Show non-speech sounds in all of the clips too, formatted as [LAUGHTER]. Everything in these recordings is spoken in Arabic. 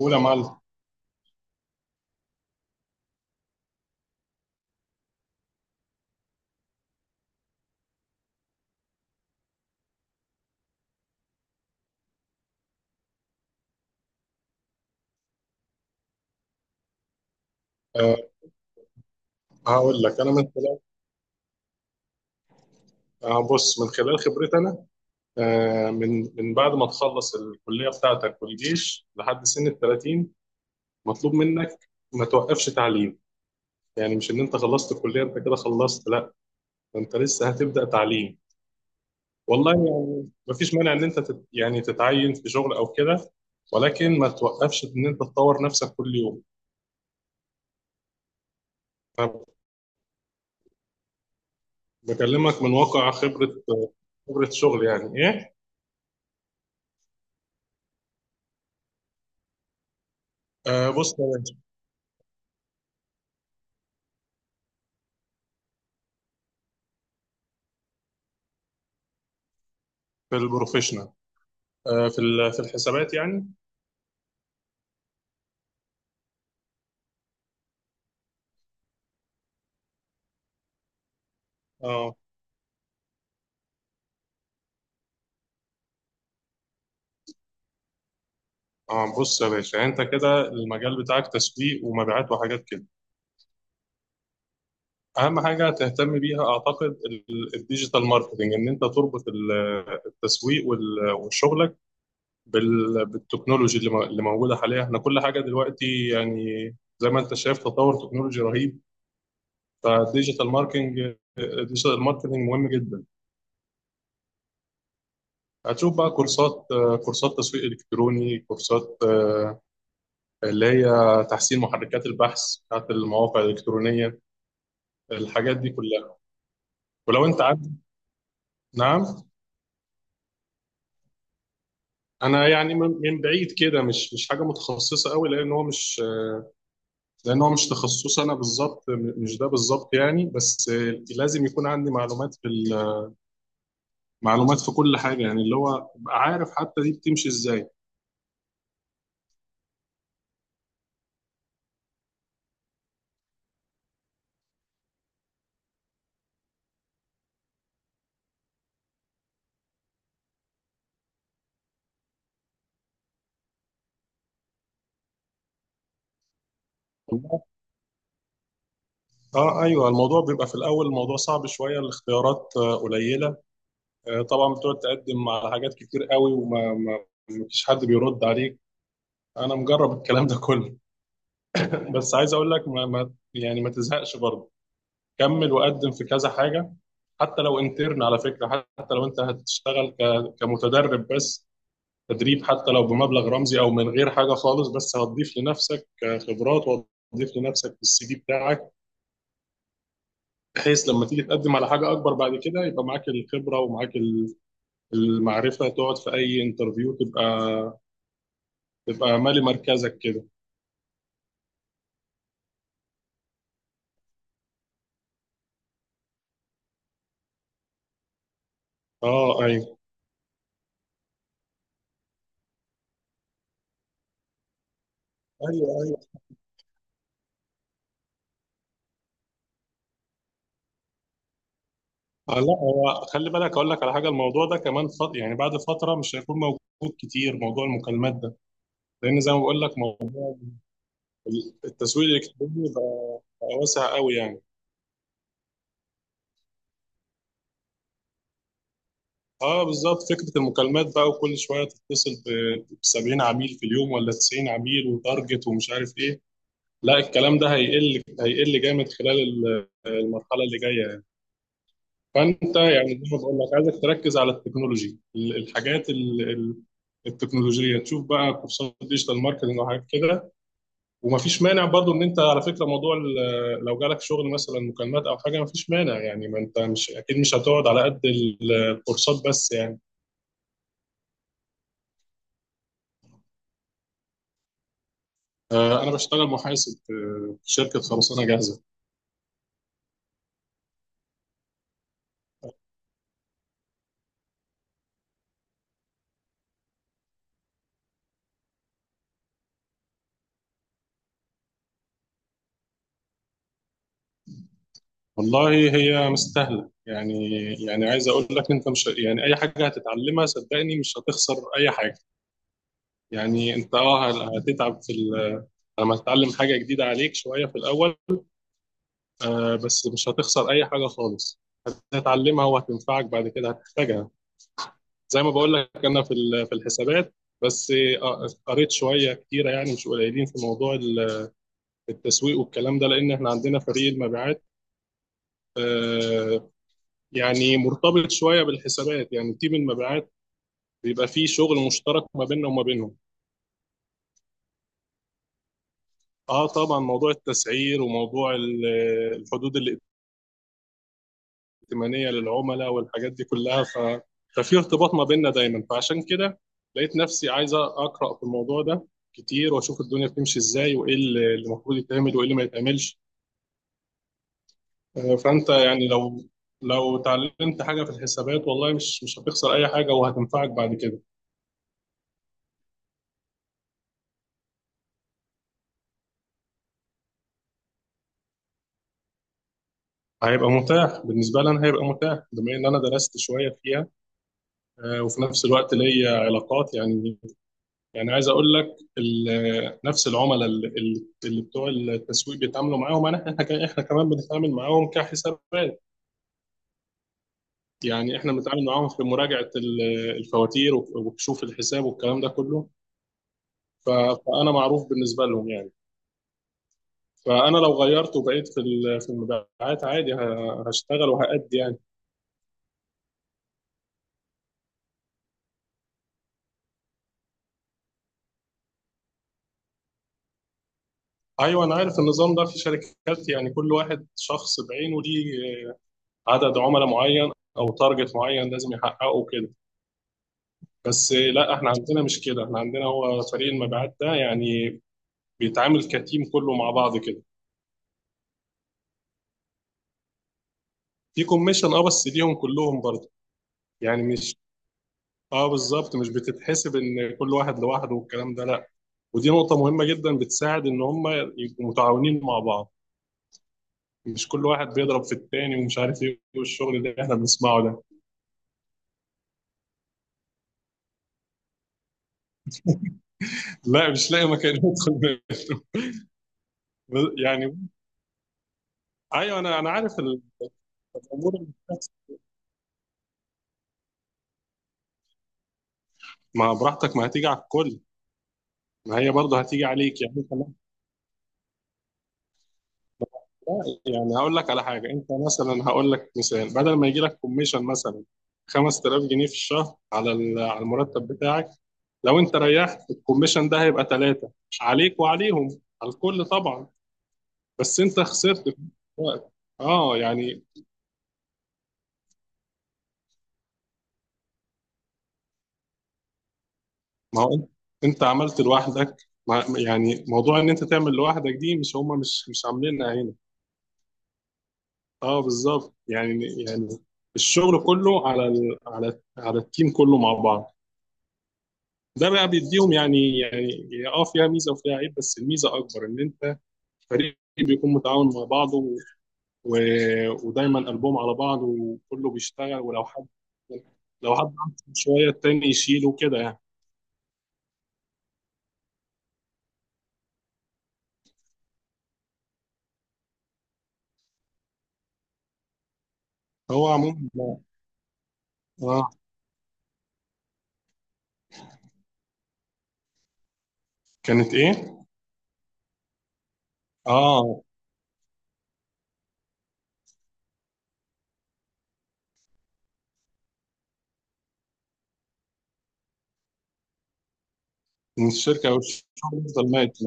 قول يا معلم. أه هقول لك انا من خلال، أه بص من خلال خبرتي انا. من بعد ما تخلص الكليه بتاعتك والجيش لحد سن ال 30، مطلوب منك ما توقفش تعليم. يعني مش ان انت خلصت الكليه انت كده خلصت، لا، ده انت لسه هتبدا تعليم. والله يعني مفيش مانع ان انت يعني تتعين في شغل او كده، ولكن ما توقفش ان انت تطور نفسك كل يوم. أنا بكلمك من واقع خبره، خبره شغل يعني ايه. بص يا باشا، في البروفيشنال. في الحسابات يعني. اه اه بص يا باشا، انت كده المجال بتاعك تسويق ومبيعات وحاجات كده. اهم حاجه تهتم بيها اعتقد الديجيتال ماركتنج، ان انت تربط التسويق وشغلك بالتكنولوجي اللي اللي موجوده حاليا. احنا كل حاجه دلوقتي يعني زي ما انت شايف تطور تكنولوجي رهيب. فالديجيتال ماركتنج الديجيتال ماركتنج مهم جدا. هتشوف بقى كورسات، كورسات تسويق الكتروني، كورسات، اللي هي تحسين محركات البحث بتاعت المواقع الإلكترونية، الحاجات دي كلها. ولو أنت عارف. نعم. أنا يعني من بعيد كده، مش حاجة متخصصة قوي، لأن هو مش، تخصص أنا بالظبط، مش ده بالظبط يعني. بس لازم يكون عندي معلومات في معلومات في كل حاجة يعني، اللي هو أبقى عارف حتى دي بتمشي إزاي. اه ايوه، الموضوع بيبقى في الاول، الموضوع صعب شويه، الاختيارات قليله. طبعا بتقعد تقدم على حاجات كتير قوي، وما ما ما فيش حد بيرد عليك. انا مجرب الكلام ده كله [LAUGHS] بس عايز اقول لك ما ما يعني ما تزهقش برضه، كمل وقدم في كذا حاجه. حتى لو انترن على فكره، حتى لو انت هتشتغل كمتدرب بس، تدريب حتى لو بمبلغ رمزي او من غير حاجه خالص، بس هتضيف لنفسك خبرات وهتضيف لنفسك في السي في بتاعك، بحيث لما تيجي تقدم على حاجه اكبر بعد كده يبقى معاك الخبره ومعاك المعرفه. تقعد في اي انترفيو تبقى مالي مركزك كده. اه ايوه. ايوه. آه، لا، هو خلي بالك اقول لك على حاجه، الموضوع ده كمان يعني بعد فتره مش هيكون موجود كتير، موضوع المكالمات ده. لان زي ما بقول لك التسويق الالكتروني بقى واسع قوي يعني. اه بالظبط، فكره المكالمات بقى وكل شويه تتصل ب 70 عميل في اليوم ولا 90 عميل وتارجت ومش عارف ايه. لا، الكلام ده هيقل، هيقل جامد خلال المرحله اللي جايه. فانت يعني زي ما بقول لك عايزك تركز على التكنولوجي، الحاجات التكنولوجيه، تشوف بقى كورسات ديجيتال ماركتنج وحاجات كده. ومفيش مانع برضو ان انت، على فكره، موضوع لو جالك شغل مثلا مكالمات او حاجه مفيش مانع يعني، ما انت مش اكيد مش هتقعد على قد الكورسات بس يعني. انا بشتغل محاسب في شركه خرسانه جاهزه. والله هي مستاهله يعني عايز اقول لك انت مش، يعني اي حاجه هتتعلمها صدقني مش هتخسر اي حاجه. يعني انت هتتعب في لما تتعلم حاجه جديده عليك شويه في الاول. بس مش هتخسر اي حاجه خالص، هتتعلمها وهتنفعك بعد كده، هتحتاجها. زي ما بقول لك انا في الحسابات بس. قريت شويه كتيره يعني، مش قليلين، في موضوع التسويق والكلام ده، لان احنا عندنا فريق المبيعات. آه، يعني مرتبط شويه بالحسابات، يعني تيم المبيعات بيبقى فيه شغل مشترك ما بيننا وما بينهم. اه طبعا موضوع التسعير وموضوع الحدود اللي ائتمانيه للعملاء، والحاجات دي كلها ففي ارتباط ما بيننا دايما، فعشان كده لقيت نفسي عايز اقرا في الموضوع ده كتير، واشوف الدنيا بتمشي ازاي، وايه اللي المفروض يتعمل وايه اللي ما يتعملش. فانت يعني لو اتعلمت حاجه في الحسابات والله مش هتخسر اي حاجه وهتنفعك بعد كده. هيبقى متاح بالنسبه لي، انا هيبقى متاح بما ان انا درست شويه فيها. وفي نفس الوقت ليا علاقات يعني عايز اقول لك نفس العملاء اللي بتوع التسويق بيتعاملوا معاهم. احنا كمان بنتعامل معاهم كحسابات. يعني احنا بنتعامل معاهم في مراجعه الفواتير وكشوف الحساب والكلام ده كله. فانا معروف بالنسبه لهم يعني. فانا لو غيرت وبقيت في المبيعات عادي، هشتغل وهأدي يعني. ايوه انا عارف النظام ده في شركات، يعني كل واحد شخص بعينه ليه عدد عملاء معين او تارجت معين لازم يحققه كده. بس لا، احنا عندنا مش كده، احنا عندنا هو فريق المبيعات ده يعني بيتعامل كتيم كله مع بعض كده. في كوميشن، بس ليهم كلهم برضه. يعني مش، اه بالظبط، مش بتتحسب ان كل واحد لوحده والكلام ده، لا. ودي نقطة مهمة جدا بتساعد ان هم يبقوا متعاونين مع بعض، مش كل واحد بيضرب في التاني ومش عارف ايه والشغل اللي احنا بنسمعه ده. لا مش لاقي مكان يدخل منه. يعني ايوه، انا عارف الامور اللي بتحصل. ما براحتك، ما هتيجي على الكل، ما هي برضه هتيجي عليك يعني انت. لا، يعني هقول لك على حاجه، انت مثلا، هقول لك مثال، بدل ما يجي لك كوميشن مثلا 5000 جنيه في الشهر على المرتب بتاعك، لو انت ريحت الكوميشن ده هيبقى ثلاثه، عليك وعليهم، على الكل طبعا. بس انت خسرت في الوقت. اه يعني ما هو انت عملت لوحدك. ما يعني موضوع ان انت تعمل لوحدك دي، مش هما، مش عاملينها هنا. اه بالظبط يعني الشغل كله على ال... على على التيم كله مع بعض. ده بقى بيديهم يعني فيها ميزه وفيها عيب، بس الميزه اكبر، ان انت فريق بيكون متعاون مع بعضه و... ودايما قلبهم على بعض وكله بيشتغل، ولو حد عنده شويه التاني يشيله كده يعني. هو عموما، اه. كانت ايه؟ اه من الشركه او الشغل يفضل ميت.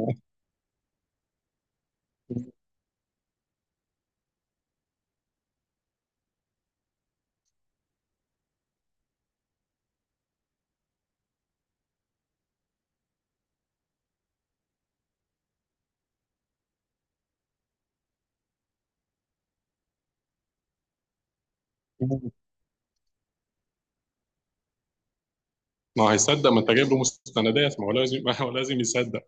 ما هو هيصدق، ما انت جايب له مستندات، ما هو لازم [LAUGHS] ما هو لازم يصدق.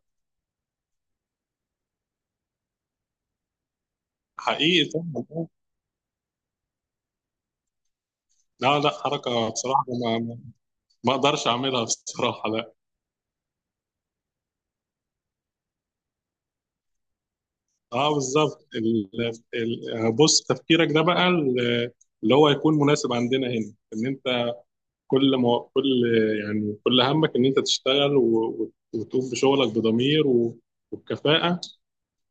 حقيقي طبعا. لا لا، حركه بصراحه، ما اقدرش اعملها بصراحه. اه بالظبط، بص، تفكيرك ده بقى، اللي هو يكون مناسب عندنا هنا، ان انت كل يعني كل همك ان انت تشتغل وتقوم بشغلك بضمير وبكفاءة،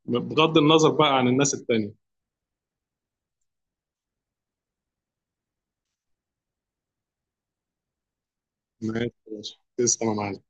بغض النظر بقى عن الناس التانية. ماشي يا باشا. تسلم يا معلم.